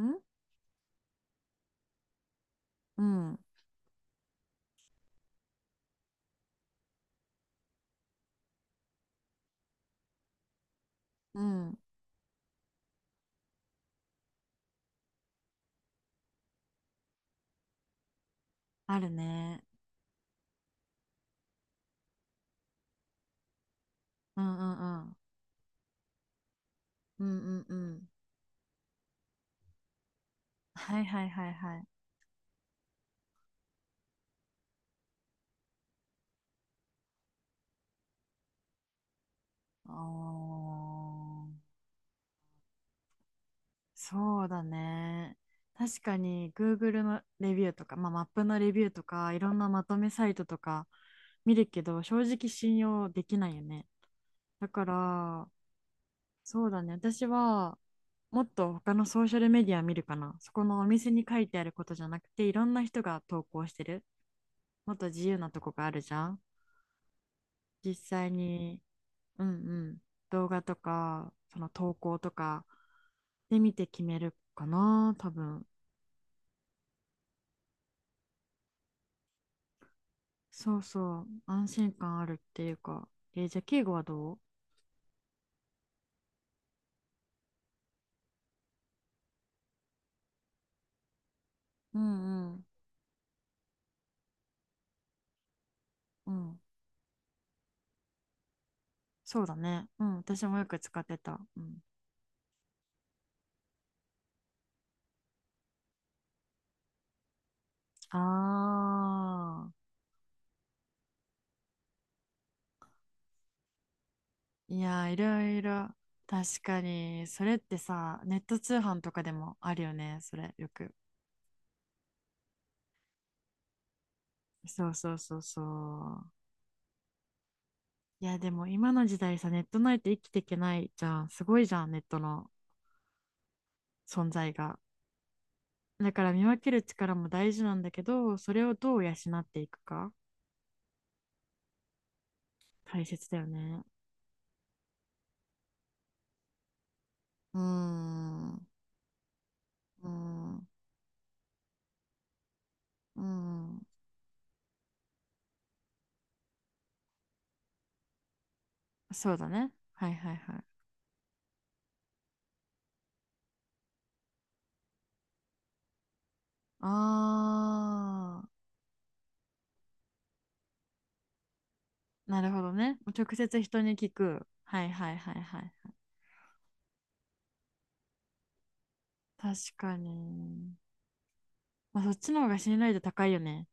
ん。うん、うん、あるね。うんうんうん。うんうんうん。はいはいはいはい。おー、そうだね。確かに Google のレビューとか、まあ、マップのレビューとか、いろんなまとめサイトとか見るけど、正直信用できないよね。だから、そうだね。私は、もっと他のソーシャルメディア見るかな。そこのお店に書いてあることじゃなくて、いろんな人が投稿してる。もっと自由なとこがあるじゃん。実際に、うんうん、動画とか、その投稿とかで見て決めるかな、多分。そうそう、安心感あるっていうか。じゃあ、敬語はどう？うんうんうん。そうだね。うん、私もよく使ってた。うん、あー、いやー、いろいろ。確かに、それってさ、ネット通販とかでもあるよね、それ、よく。そうそうそうそう。いや、でも今の時代さ、ネットないと生きていけないじゃん。すごいじゃん、ネットの存在が。だから見分ける力も大事なんだけど、それをどう養っていくか、大切だよね。うーん、うーん、うーん。そうだね。はいはいはい。あー、なるほどね。直接人に聞く。はいはいはいはい。確かに。まあ、そっちの方が信頼度高いよね。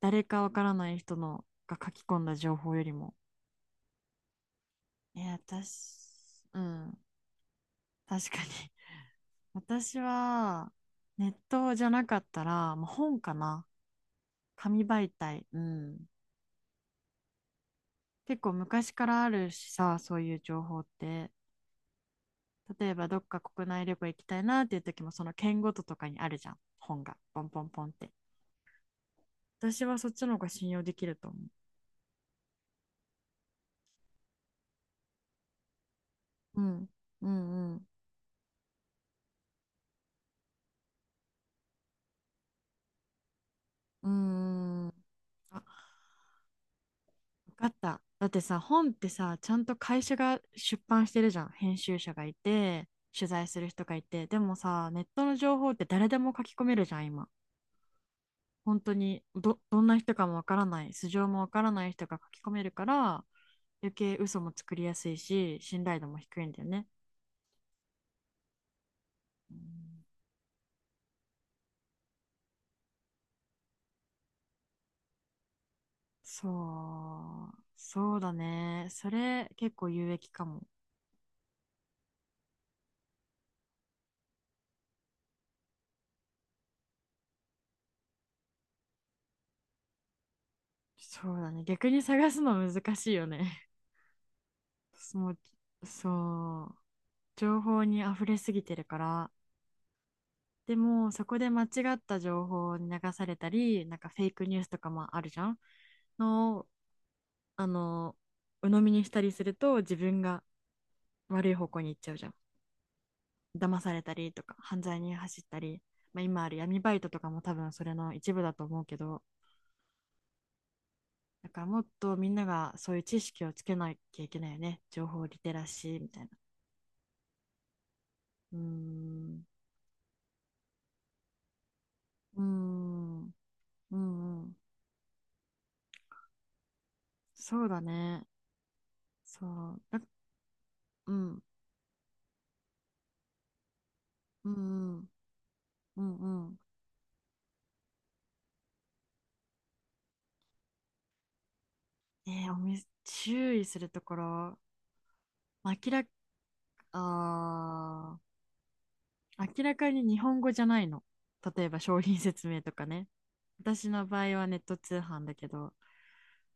誰かわからない人のが書き込んだ情報よりも。え、私、うん、確かに。私は、ネットじゃなかったら、もう本かな。紙媒体。うん。結構昔からあるしさ、そういう情報って。例えば、どっか国内旅行行きたいなっていう時も、その県ごととかにあるじゃん。本が。ポンポンポンって。私はそっちの方が信用できると思う。うん。うんうん。うーん。あ、分かった。だってさ、本ってさ、ちゃんと会社が出版してるじゃん。編集者がいて、取材する人がいて。でもさ、ネットの情報って誰でも書き込めるじゃん、今。本当にど、どんな人かもわからない、素性もわからない人が書き込めるから、余計嘘も作りやすいし、信頼度も低いんだよね。うん。そう、そうだね。それ結構有益かも。そうだね。逆に探すの難しいよね。もう、そう。情報に溢れすぎてるから、でもそこで間違った情報に流されたり、なんかフェイクニュースとかもあるじゃん、のを、あの鵜呑みにしたりすると自分が悪い方向に行っちゃうじゃん。騙されたりとか犯罪に走ったり、まあ、今ある闇バイトとかも多分それの一部だと思うけど、だからもっとみんながそういう知識をつけなきゃいけないよね、情報リテラシーみたいな。うーん。うーん。うん。うん。そうだね。そうだ。うん、うん、うん、うんうん。えー、おみ、注意するところ、明らか、あ明らかに日本語じゃないの。例えば商品説明とかね。私の場合はネット通販だけど、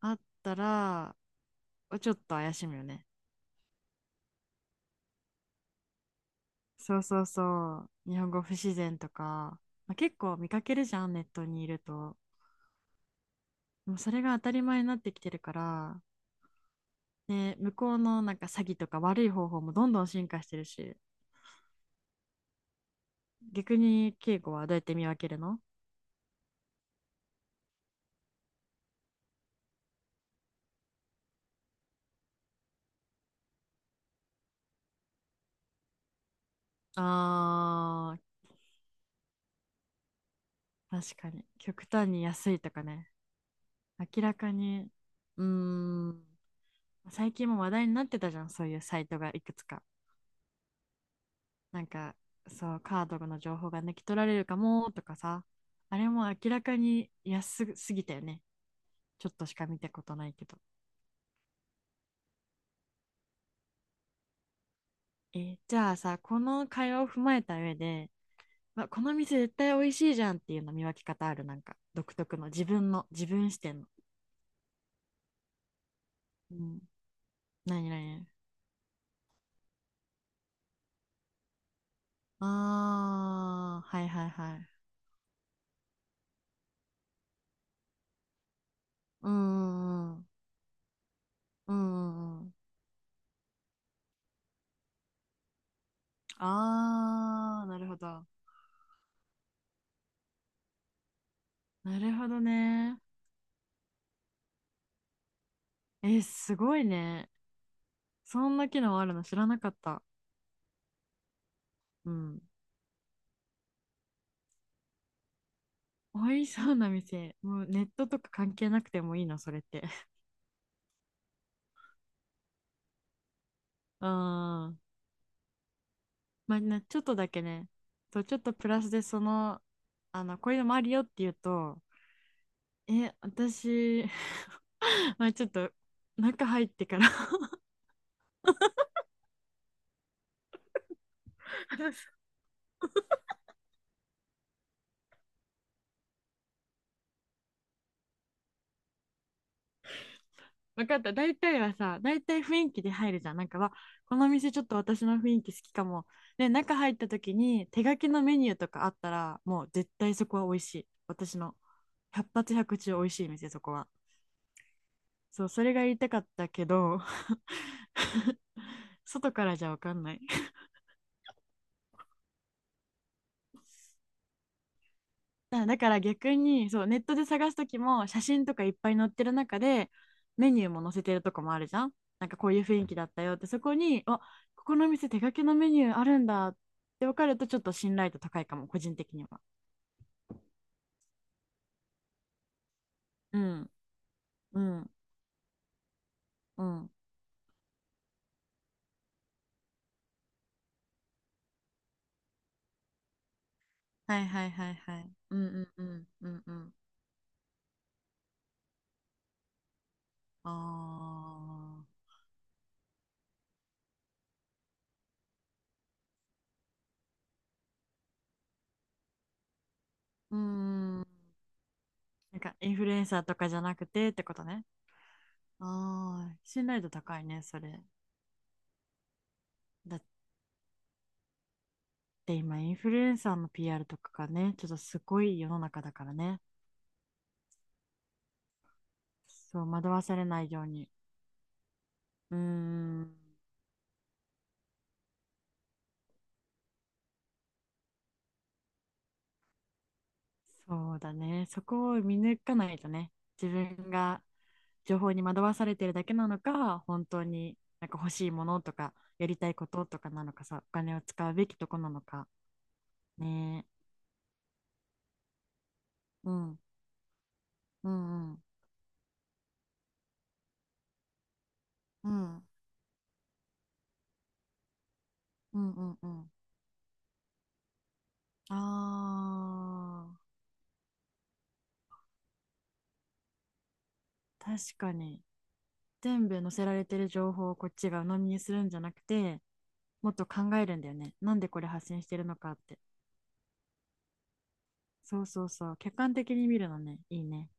あったら、ちょっと怪しむよね。そうそうそう。日本語不自然とか、まあ、結構見かけるじゃん、ネットにいると。でもそれが当たり前になってきてるから、ね、向こうのなんか詐欺とか悪い方法もどんどん進化してるし、逆に稽古はどうやって見分けるの？あー、確かに。極端に安いとかね。明らかに。うーん。最近も話題になってたじゃん、そういうサイトがいくつか。なんか、そう、カードの情報が抜き取られるかもとかさ。あれも明らかに安すぎたよね。ちょっとしか見たことないけど。じゃあさ、この会話を踏まえた上で、この店絶対美味しいじゃんっていうの見分け方ある？なんか、独特の、自分視点の。うん、何何？ああー、はいはいはい。うんうんうん。うんうんうん。ああ、なるほど。なるほどね。え、すごいね。そんな機能あるの知らなかった。うん。美味しそうな店。もうネットとか関係なくてもいいの、それって？うん。まあね、ちょっとだけね。と、ちょっとプラスでその、こういうのもあるよって言うと、え、私、まあちょっと中入ってから。 分かった。大体雰囲気で入るじゃん。なんかは、わこの店ちょっと私の雰囲気好きかも。で、中入った時に手書きのメニューとかあったら、もう絶対そこは美味しい。私の百発百中美味しい店、そこは。そう、それが言いたかったけど、外からじゃ分かんない。だから逆に、そうネットで探すときも、写真とかいっぱい載ってる中でメニューも載せてるとこもあるじゃん。なんかこういう雰囲気だったよってそこに、あ、ここの店手書きのメニューあるんだって分かると、ちょっと信頼度高いかも、個人的には。うんうんうん。はいはいはいはい。うんうんうんうん。うん。ああ、うーん。なんかインフルエンサーとかじゃなくてってことね。ああ、信頼度高いね、それ。だで、今、インフルエンサーの PR とかがね、ちょっとすごい世の中だからね。そう、惑わされないように。うーん、そうだね。そこを見抜かないとね、自分が情報に惑わされてるだけなのか、本当になんか欲しいものとか、やりたいこととかなのかさ、お金を使うべきとこなのか。ねえ。うん、うん、うん、うん、うん、うんうん。あー、確かに。全部載せられてる情報をこっちが鵜呑みにするんじゃなくて、もっと考えるんだよね。なんでこれ発信してるのかって。そうそうそう。客観的に見るのね。いいね。